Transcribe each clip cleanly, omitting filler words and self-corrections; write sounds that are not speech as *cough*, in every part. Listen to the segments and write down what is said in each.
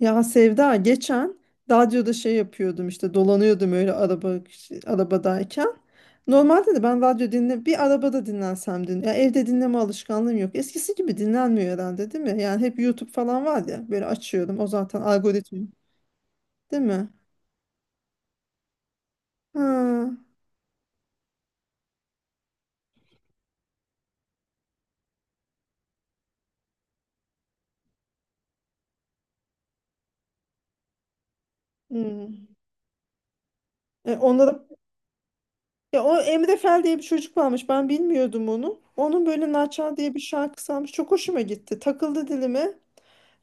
Ya Sevda, geçen radyoda şey yapıyordum, işte dolanıyordum öyle arabadayken. Normalde de ben radyo dinle bir arabada dinlensem ya evde dinleme alışkanlığım yok. Eskisi gibi dinlenmiyor herhalde, değil mi? Yani hep YouTube falan var ya, böyle açıyorum, o zaten algoritma, değil mi? Ha. Hmm. Onlara. Ya, o Emre Fel diye bir çocuk varmış. Ben bilmiyordum onu. Onun böyle Naçar diye bir şarkısı varmış. Çok hoşuma gitti. Takıldı dilime.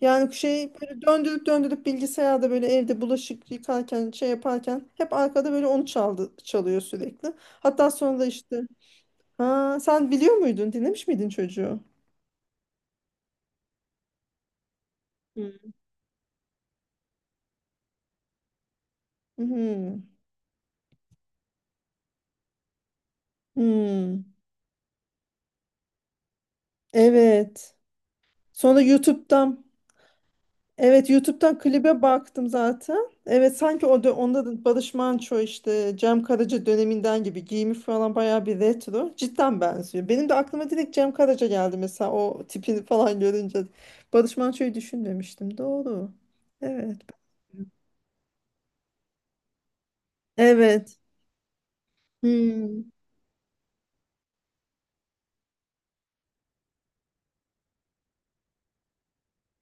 Yani şey, böyle döndürüp döndürüp bilgisayarda, böyle evde bulaşık yıkarken, şey yaparken hep arkada böyle onu çalıyor sürekli. Hatta sonra da işte, ha, sen biliyor muydun? Dinlemiş miydin çocuğu? Hı. Hmm. Hmm. Evet. Sonra YouTube'dan Evet, YouTube'dan klibe baktım zaten. Evet, sanki o da onda da Barış Manço, işte Cem Karaca döneminden gibi giyimi falan bayağı bir retro. Cidden benziyor. Benim de aklıma direkt Cem Karaca geldi mesela, o tipini falan görünce. Barış Manço'yu düşünmemiştim. Doğru. Evet. Evet. Hmm.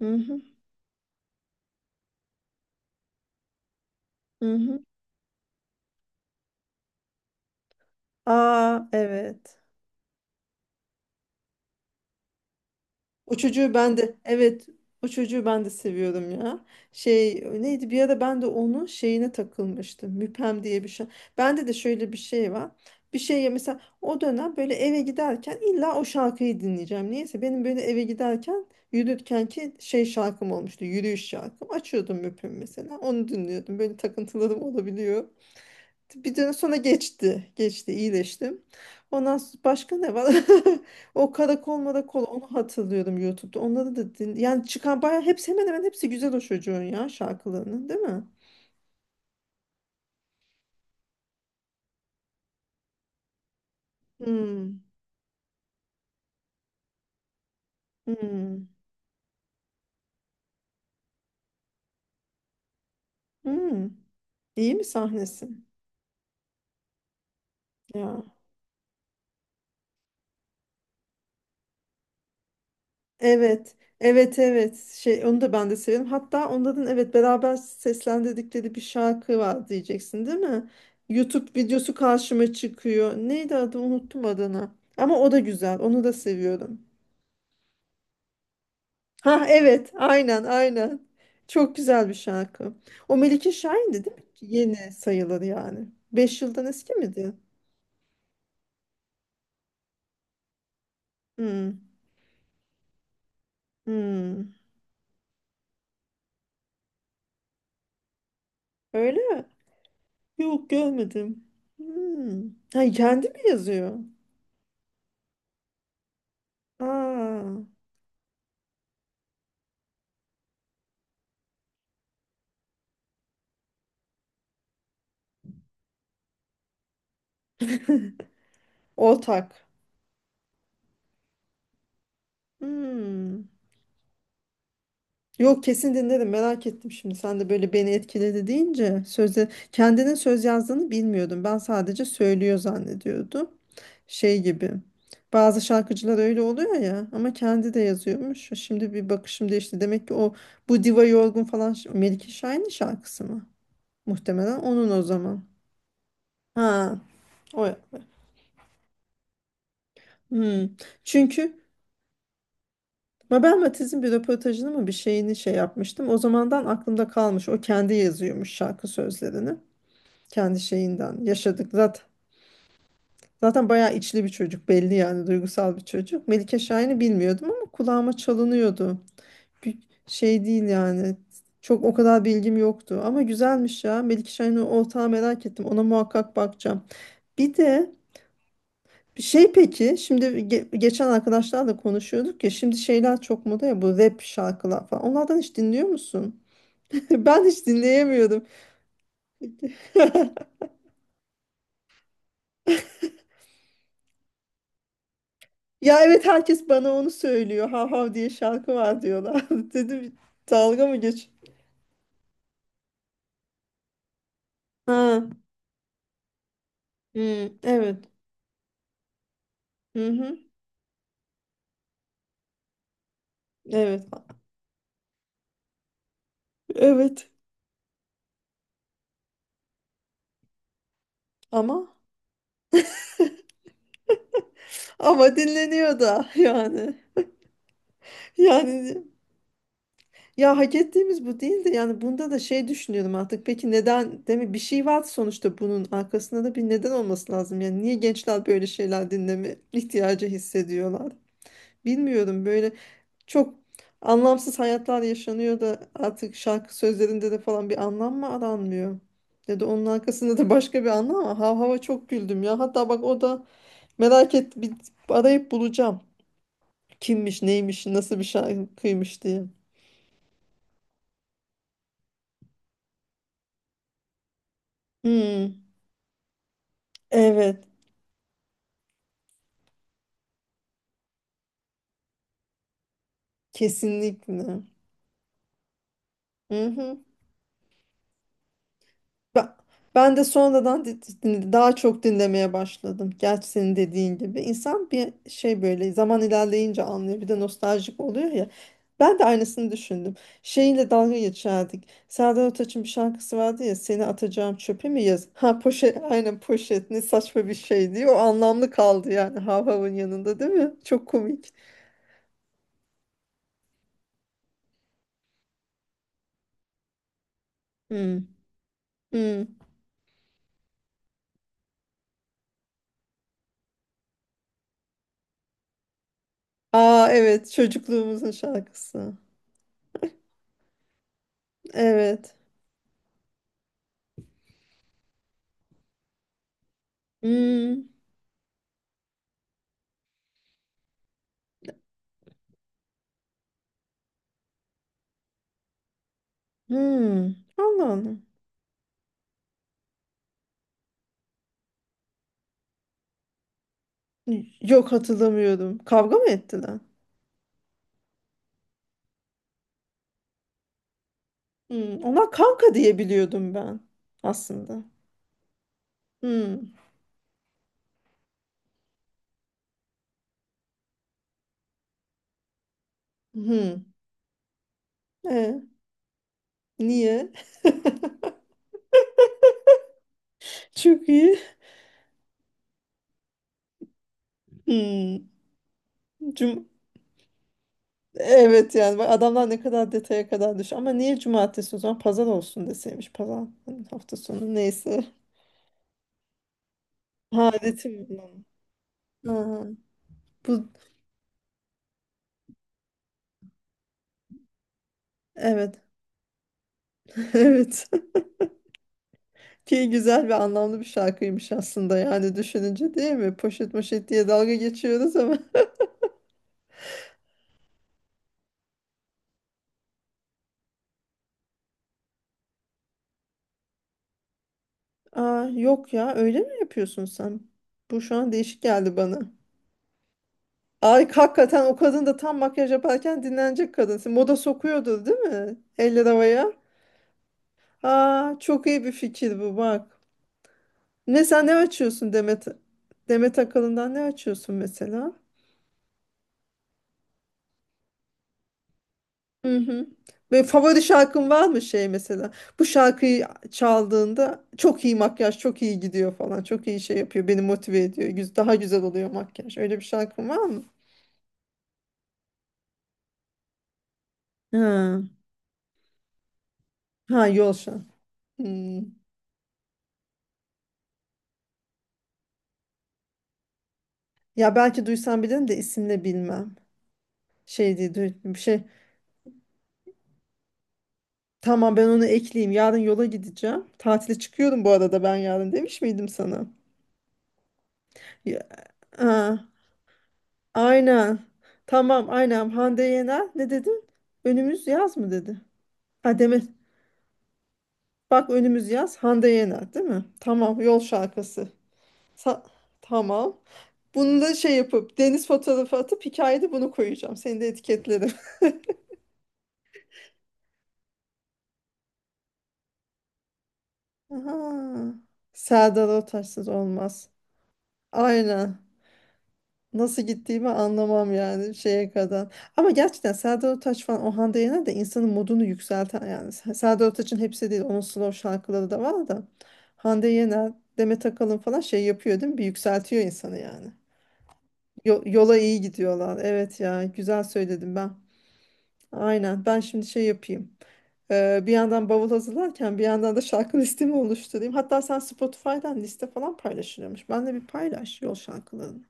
Hı hı. Hı hı. Aa, evet. O çocuğu ben de evet o çocuğu ben de seviyordum ya. Şey, neydi, bir ara ben de onun şeyine takılmıştım. Müpem diye bir şey. Bende de şöyle bir şey var. Bir şeye mesela, o dönem böyle eve giderken illa o şarkıyı dinleyeceğim. Niyeyse benim böyle eve giderken yürürken ki şey şarkım olmuştu. Yürüyüş şarkım. Açıyordum Müpem mesela. Onu dinliyordum. Böyle takıntılarım olabiliyor. Bir dönem sonra geçti. Geçti, iyileştim. Ondan başka ne var? *laughs* O karakol marakol, onu hatırlıyorum YouTube'da. Onları da yani çıkan bayağı hemen hemen hepsi güzel o çocuğun ya şarkılarının, değil mi? Hmm. Hmm. Hmm. İyi mi sahnesi? Ya. Evet. Evet, evet. Şey, onu da ben de severim. Hatta onların, evet, beraber seslendirdikleri bir şarkı var diyeceksin, değil mi? YouTube videosu karşıma çıkıyor. Neydi adı? Unuttum adını. Ama o da güzel. Onu da seviyorum. Ha, evet. Aynen, aynen. Çok güzel bir şarkı. O Melike Şahin'di, değil mi? Yeni sayılır yani. 5 yıldan eski miydi? Hmm. Hmm. Öyle mi? Yok, görmedim. Hmm. Ha, kendi mi yazıyor? Aa. Ortak. Hmm. Yok, kesin dinlerim, merak ettim şimdi. Sen de böyle beni etkiledi deyince sözde kendinin söz yazdığını bilmiyordum. Ben sadece söylüyor zannediyordum. Şey gibi. Bazı şarkıcılar öyle oluyor ya, ama kendi de yazıyormuş. Şimdi bir bakışım değişti. Demek ki bu Diva Yorgun falan Melike Şahin'in şarkısı mı? Muhtemelen onun o zaman. Ha. O. Hmm. Çünkü Mabel Matiz'in bir röportajını mı, bir şeyini şey yapmıştım. O zamandan aklımda kalmış. O kendi yazıyormuş şarkı sözlerini. Kendi şeyinden yaşadık. Zaten, bayağı içli bir çocuk belli, yani duygusal bir çocuk. Melike Şahin'i bilmiyordum ama kulağıma çalınıyordu. Bir şey değil yani. O kadar bilgim yoktu ama güzelmiş ya. Melike Şahin'in Ortağı, merak ettim. Ona muhakkak bakacağım. Bir de şey, peki şimdi geçen arkadaşlarla konuşuyorduk ya, şimdi şeyler çok moda ya, bu rap şarkılar falan. Onlardan hiç dinliyor musun? *laughs* Ben hiç dinleyemiyorum. *laughs* Ya evet, herkes bana onu söylüyor. Hav hav diye şarkı var diyorlar. *laughs* Dedim, dalga mı geç? Ha. Hmm, evet. Hı hı. Evet. Evet. Ama ama dinleniyor da yani. Yani Ya, hak ettiğimiz bu değildi. Yani bunda da şey düşünüyorum artık. Peki neden? Değil Bir şey var sonuçta, bunun arkasında da bir neden olması lazım. Yani niye gençler böyle şeyler dinleme ihtiyacı hissediyorlar? Bilmiyorum. Böyle çok anlamsız hayatlar yaşanıyor da artık şarkı sözlerinde de falan bir anlam mı aranmıyor? Ya da onun arkasında da başka bir anlam var. Hav hava çok güldüm ya. Hatta bak, o da merak et, bir arayıp bulacağım. Kimmiş, neymiş, nasıl bir şarkıymış diye. Hmm, evet. Kesinlikle. Hı hı. Ben, ben de sonradan daha çok dinlemeye başladım. Gerçi senin dediğin gibi. İnsan bir şey, böyle zaman ilerleyince anlıyor. Bir de nostaljik oluyor ya. Ben de aynısını düşündüm. Şeyle dalga geçerdik. Serdar Ortaç'ın bir şarkısı vardı ya. Seni atacağım çöpe mi yaz? Ha, poşet. Aynen, poşet. Ne saçma bir şey diye. O anlamlı kaldı yani. Hav Hav'ın yanında, değil mi? Çok komik. Hı. Hı. Aa, evet. Çocukluğumuzun şarkısı. Evet. Hmm, hmm. Allah Allah. Yok, hatırlamıyorum. Kavga mı ettiler? Hmm. Ona kanka diye biliyordum ben aslında. Hmm. Hmm. E, niye? *laughs* Çok iyi. Hmm. Cum evet yani, bak adamlar ne kadar detaya kadar düş. Ama niye cumartesi, o zaman pazar olsun deseymiş. Pazar, hani hafta sonu neyse. Ha, ritim. Ha, bu evet. *laughs* Evet. Ki güzel ve anlamlı bir şarkıymış aslında, yani düşününce, değil mi? Poşet moşet diye dalga geçiyoruz ama. *laughs* Aa, yok ya, öyle mi yapıyorsun sen? Bu şu an değişik geldi bana. Ay hakikaten, o kadın da tam makyaj yaparken dinlenecek kadınsın. Moda sokuyordur, değil mi? Eller havaya. Aa, çok iyi bir fikir bu, bak. Ne açıyorsun Demet? Demet Akalın'dan ne açıyorsun mesela? Hı hı. Böyle favori şarkın var mı şey mesela? Bu şarkıyı çaldığında çok iyi makyaj, çok iyi gidiyor falan. Çok iyi şey yapıyor. Beni motive ediyor. Daha güzel oluyor makyaj. Öyle bir şarkın var mı? Ha, ha, yol şarkı. Hmm. Ya, belki duysam bilirim de isimle bilmem. Şey diye bir şey. Tamam, ben onu ekleyeyim. Yarın yola gideceğim. Tatile çıkıyorum bu arada, ben yarın demiş miydim sana? Ya, ha, aynen. Tamam, aynen. Hande Yener ne dedin? Önümüz yaz mı dedi? Ha demin, bak önümüz yaz Hande Yener, değil mi? Tamam, yol şarkısı. Sa- tamam. Bunu da şey yapıp deniz fotoğrafı atıp hikayede bunu koyacağım. Seni de etiketlerim. *laughs* Aha. Serdar Ortaç'sız olmaz. Aynen. Nasıl gittiğimi anlamam yani şeye kadar. Ama gerçekten Serdar Ortaç falan, o Hande Yener de insanın modunu yükselten yani. Serdar Ortaç'ın hepsi değil, onun slow şarkıları da var da. Hande Yener, Demet Akalın falan şey yapıyor, değil mi? Bir yükseltiyor insanı yani. Yola iyi gidiyorlar. Evet ya, güzel söyledim ben. Aynen, ben şimdi şey yapayım. Bir yandan bavul hazırlarken bir yandan da şarkı *laughs* listemi oluşturayım. Hatta sen Spotify'dan liste falan paylaşılıyormuş. Ben de bir paylaş yol şarkılarını.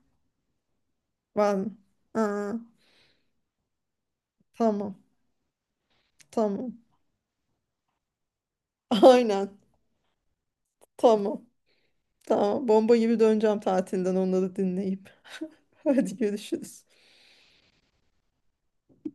Var mı? Aa, tamam, tamam. *laughs* Aynen, tamam. Tamam, bomba gibi döneceğim tatilden onları dinleyip. *laughs* Hadi görüşürüz.